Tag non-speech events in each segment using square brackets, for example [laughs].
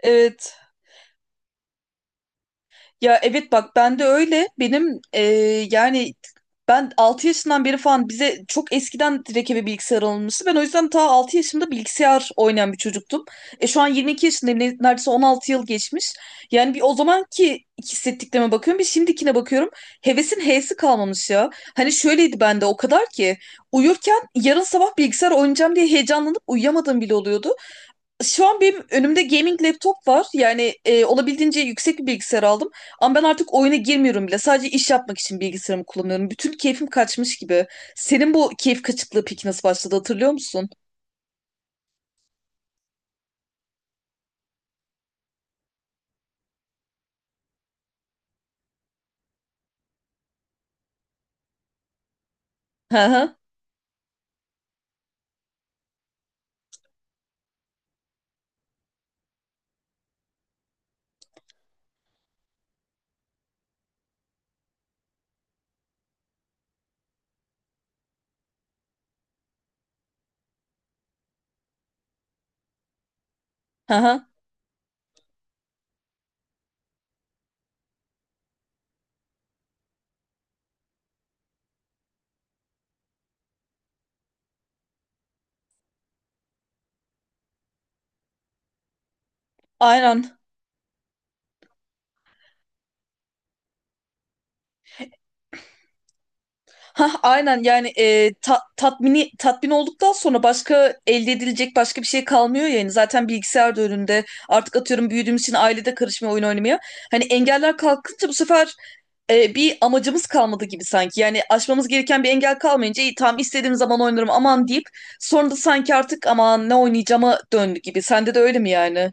Evet. Ya evet, bak ben de öyle. Benim yani ben 6 yaşından beri falan bize çok eskiden direkt eve bilgisayar alınmıştı. Ben o yüzden ta 6 yaşımda bilgisayar oynayan bir çocuktum. E şu an 22 yaşındayım. Neredeyse 16 yıl geçmiş. Yani bir o zamanki hissettiklerime bakıyorum. Bir şimdikine bakıyorum. Hevesin H'si kalmamış ya. Hani şöyleydi bende, o kadar ki uyurken yarın sabah bilgisayar oynayacağım diye heyecanlanıp uyuyamadığım bile oluyordu. Şu an benim önümde gaming laptop var. Yani olabildiğince yüksek bir bilgisayar aldım. Ama ben artık oyuna girmiyorum bile. Sadece iş yapmak için bilgisayarımı kullanıyorum. Bütün keyfim kaçmış gibi. Senin bu keyif kaçıklığı peki nasıl başladı, hatırlıyor musun? Hı hı. Hı hı. Aynen. Hah, aynen. Yani tatmini tatmin olduktan sonra başka elde edilecek başka bir şey kalmıyor yani. Zaten bilgisayar da önünde artık, atıyorum, büyüdüğümüz için ailede karışmaya oyun oynamaya, hani, engeller kalkınca bu sefer bir amacımız kalmadı gibi sanki. Yani aşmamız gereken bir engel kalmayınca iyi tamam, istediğim zaman oynarım, aman deyip, sonra da sanki artık aman ne oynayacağıma döndü gibi. Sende de öyle mi yani?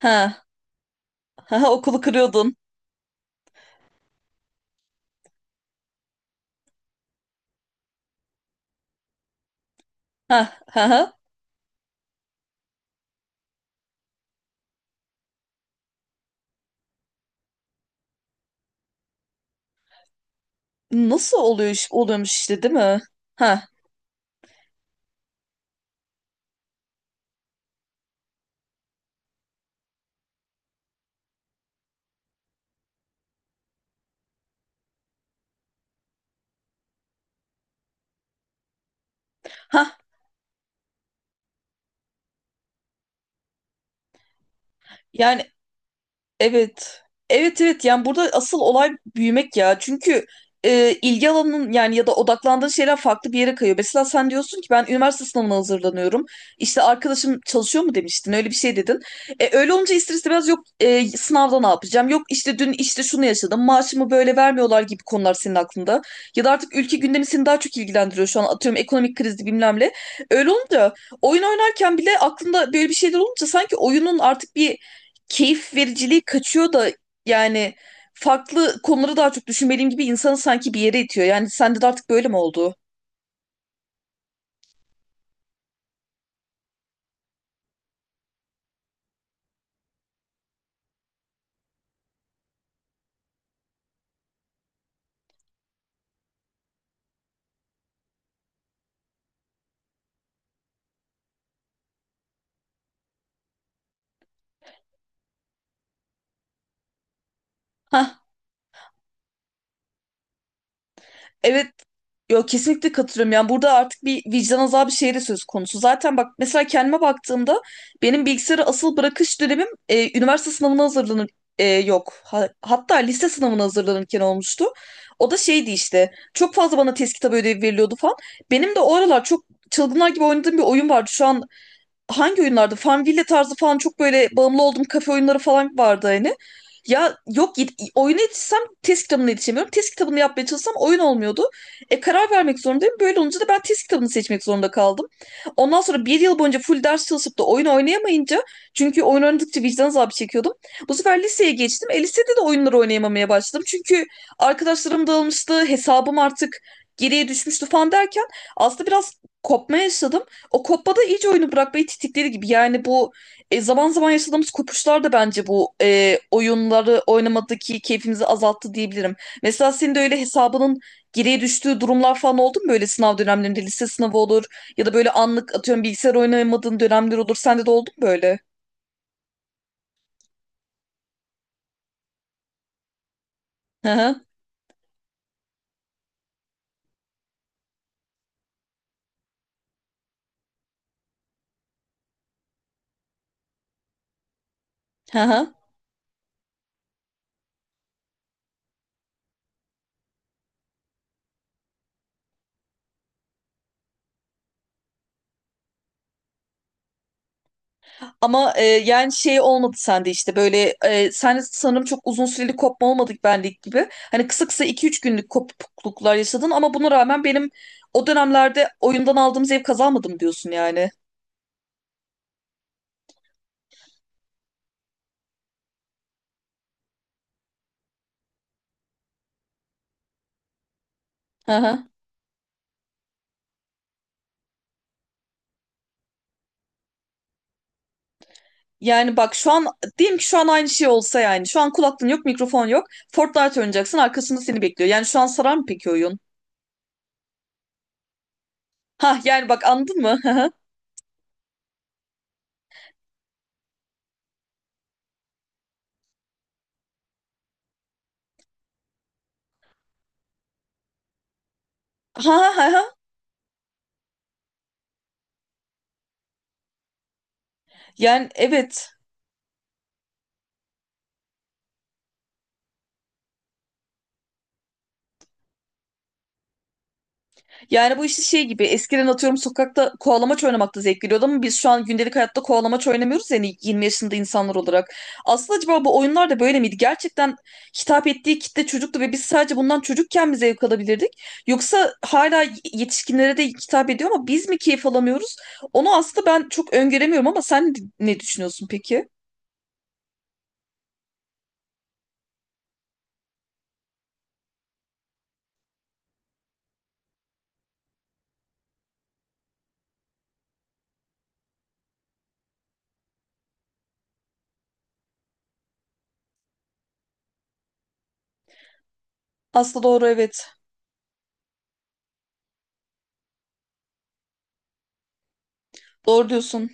Ha ha, okulu kırıyordun. Ha ha ha. Nasıl oluyor, oluyormuş işte, değil mi? Ha ha yani. Evet. Evet, evet, yani burada asıl olay büyümek ya. Çünkü ilgi alanının, yani ya da odaklandığın şeyler farklı bir yere kayıyor. Mesela sen diyorsun ki ben üniversite sınavına hazırlanıyorum. İşte arkadaşım çalışıyor mu demiştin, öyle bir şey dedin. E, öyle olunca ister istemez, yok sınavda ne yapacağım, yok işte dün işte şunu yaşadım, maaşımı böyle vermiyorlar gibi konular senin aklında. Ya da artık ülke gündemi seni daha çok ilgilendiriyor şu an, atıyorum, ekonomik krizi bilmem ne. Öyle olunca, oyun oynarken bile aklında böyle bir şeyler olunca, sanki oyunun artık bir keyif vericiliği kaçıyor da yani farklı konuları daha çok düşünmeliyim gibi insanı sanki bir yere itiyor. Yani sende de artık böyle mi oldu? Hah, evet. Yo, kesinlikle katılıyorum. Yani burada artık bir vicdan azabı şeyi de söz konusu. Zaten bak, mesela kendime baktığımda benim bilgisayarı asıl bırakış dönemim üniversite sınavına hazırlanır yok, hatta lise sınavına hazırlanırken olmuştu. O da şeydi işte, çok fazla bana test kitabı ödevi veriliyordu falan. Benim de o aralar çok çılgınlar gibi oynadığım bir oyun vardı. Şu an hangi oyunlarda? Farmville tarzı falan, çok böyle bağımlı olduğum kafe oyunları falan vardı hani. Ya yok, oyuna yetişsem test kitabına yetişemiyorum. Test kitabını yapmaya çalışsam oyun olmuyordu. E karar vermek zorundayım. Böyle olunca da ben test kitabını seçmek zorunda kaldım. Ondan sonra bir yıl boyunca full ders çalışıp da oyun oynayamayınca, çünkü oyun oynadıkça vicdan azabı çekiyordum. Bu sefer liseye geçtim. E lisede de oyunları oynayamamaya başladım. Çünkü arkadaşlarım dağılmıştı, hesabım artık geriye düşmüştü falan derken aslında biraz kopma yaşadım. O kopmada iyice oyunu bırakmayı titikleri gibi. Yani bu zaman zaman yaşadığımız kopuşlar da bence bu oyunları oynamadaki keyfimizi azalttı diyebilirim. Mesela senin de öyle hesabının geriye düştüğü durumlar falan oldu mu böyle sınav dönemlerinde? Lise sınavı olur ya da böyle anlık, atıyorum, bilgisayar oynayamadığın dönemler olur. Sende de oldu mu böyle? Hı hı. Hı hı. Ama yani şey olmadı sende, işte böyle sen sanırım çok uzun süreli kopma olmadık benlik gibi. Hani kısa kısa 2-3 günlük kopukluklar yaşadın ama buna rağmen benim o dönemlerde oyundan aldığım zevk kazanmadım diyorsun yani. Hı hı. Yani bak şu an diyelim ki şu an aynı şey olsa, yani şu an kulaklığın yok, mikrofon yok, Fortnite oynayacaksın, arkasında seni bekliyor. Yani şu an sarar mı peki oyun? Ha yani, bak, anladın mı? [laughs] Ha ha ha. Ha. Yani evet. Yani bu işte şey gibi, eskiden atıyorum sokakta kovalamaç oynamakta zevk geliyordu ama biz şu an gündelik hayatta kovalamaç oynamıyoruz yani, 20 yaşında insanlar olarak. Aslında acaba bu oyunlar da böyle miydi? Gerçekten hitap ettiği kitle çocuktu ve biz sadece bundan çocukken mi zevk alabilirdik? Yoksa hala yetişkinlere de hitap ediyor ama biz mi keyif alamıyoruz? Onu aslında ben çok öngöremiyorum ama sen ne düşünüyorsun peki? Aslında doğru, evet. Doğru diyorsun.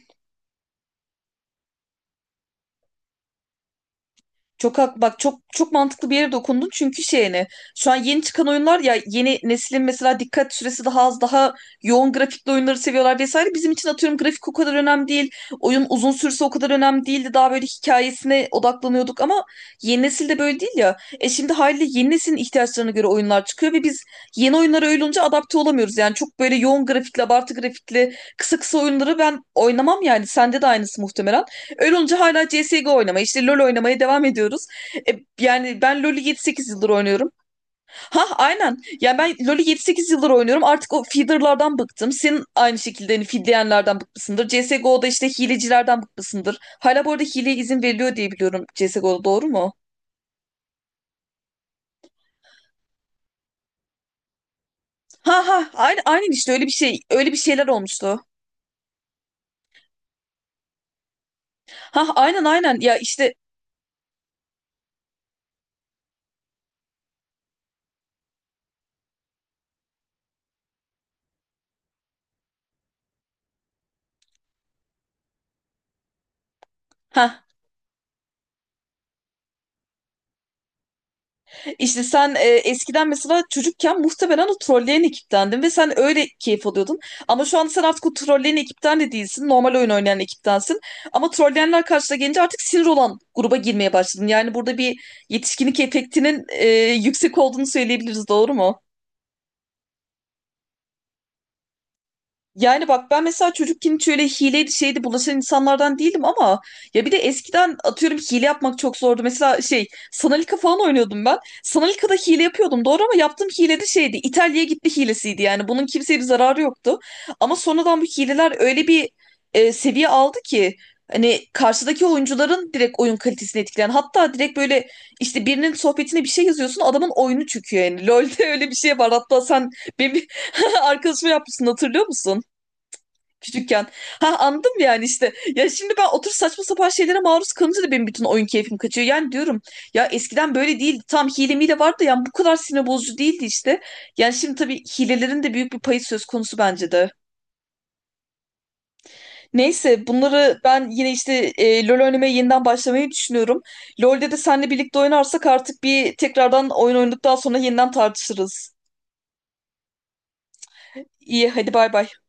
Çok hak, bak, çok çok mantıklı bir yere dokundun çünkü şeyini, şu an yeni çıkan oyunlar ya, yeni neslin mesela dikkat süresi daha az, daha yoğun grafikli oyunları seviyorlar vesaire, bizim için atıyorum grafik o kadar önemli değil, oyun uzun sürse o kadar önemli değildi, daha böyle hikayesine odaklanıyorduk ama yeni nesil de böyle değil ya. Şimdi haliyle yeni neslin ihtiyaçlarına göre oyunlar çıkıyor ve biz yeni oyunlara, öyle olunca, adapte olamıyoruz yani, çok böyle yoğun grafikli, abartı grafikli, kısa kısa oyunları ben oynamam yani, sende de aynısı muhtemelen. Öyle olunca hala CSGO oynamaya, işte LoL oynamaya devam ediyoruz. E, yani ben LoL'ü 7-8 yıldır oynuyorum. Ha aynen. Yani ben LoL'ü 7-8 yıldır oynuyorum. Artık o feederlardan bıktım. Senin aynı şekilde hani feedleyenlerden bıkmışsındır. CSGO'da işte hilecilerden bıkmışsındır. Hala bu arada hileye izin veriliyor diye biliyorum CSGO'da, doğru mu? Ha ha, aynen, aynen işte öyle bir şey, öyle bir şeyler olmuştu. Ha aynen, aynen ya, işte. Ha. İşte sen eskiden mesela çocukken muhtemelen o trolleyen ekiptendin ve sen öyle keyif alıyordun. Ama şu anda sen artık o trolleyen ekipten de değilsin. Normal oyun oynayan ekiptensin. Ama trolleyenler karşına gelince artık sinir olan gruba girmeye başladın. Yani burada bir yetişkinlik efektinin yüksek olduğunu söyleyebiliriz, doğru mu? Yani bak ben mesela çocukken hiç öyle hileydi şeydi bulaşan insanlardan değilim ama, ya, bir de eskiden atıyorum hile yapmak çok zordu. Mesela şey, Sanalika falan oynuyordum ben. Sanalika'da hile yapıyordum doğru, ama yaptığım hile de şeydi, İtalya'ya gitti hilesiydi, yani bunun kimseye bir zararı yoktu. Ama sonradan bu hileler öyle bir seviye aldı ki hani karşıdaki oyuncuların direkt oyun kalitesini etkileyen, hatta direkt böyle işte birinin sohbetine bir şey yazıyorsun, adamın oyunu çöküyor yani. [laughs] LoL'de öyle bir şey var hatta, sen benim bir [laughs] arkadaşıma yapmışsın, hatırlıyor musun? Küçükken. Ha, anladım yani işte. Ya şimdi ben otur, saçma sapan şeylere maruz kalınca da benim bütün oyun keyfim kaçıyor. Yani diyorum ya, eskiden böyle değildi. Tam hile mile vardı da yani bu kadar sinir bozucu değildi işte. Yani şimdi tabii hilelerin de büyük bir payı söz konusu bence de. Neyse, bunları ben yine işte LoL oynamaya yeniden başlamayı düşünüyorum. LoL'de de seninle birlikte oynarsak artık bir tekrardan oyun oynadıktan sonra yeniden tartışırız. İyi, hadi bay bay.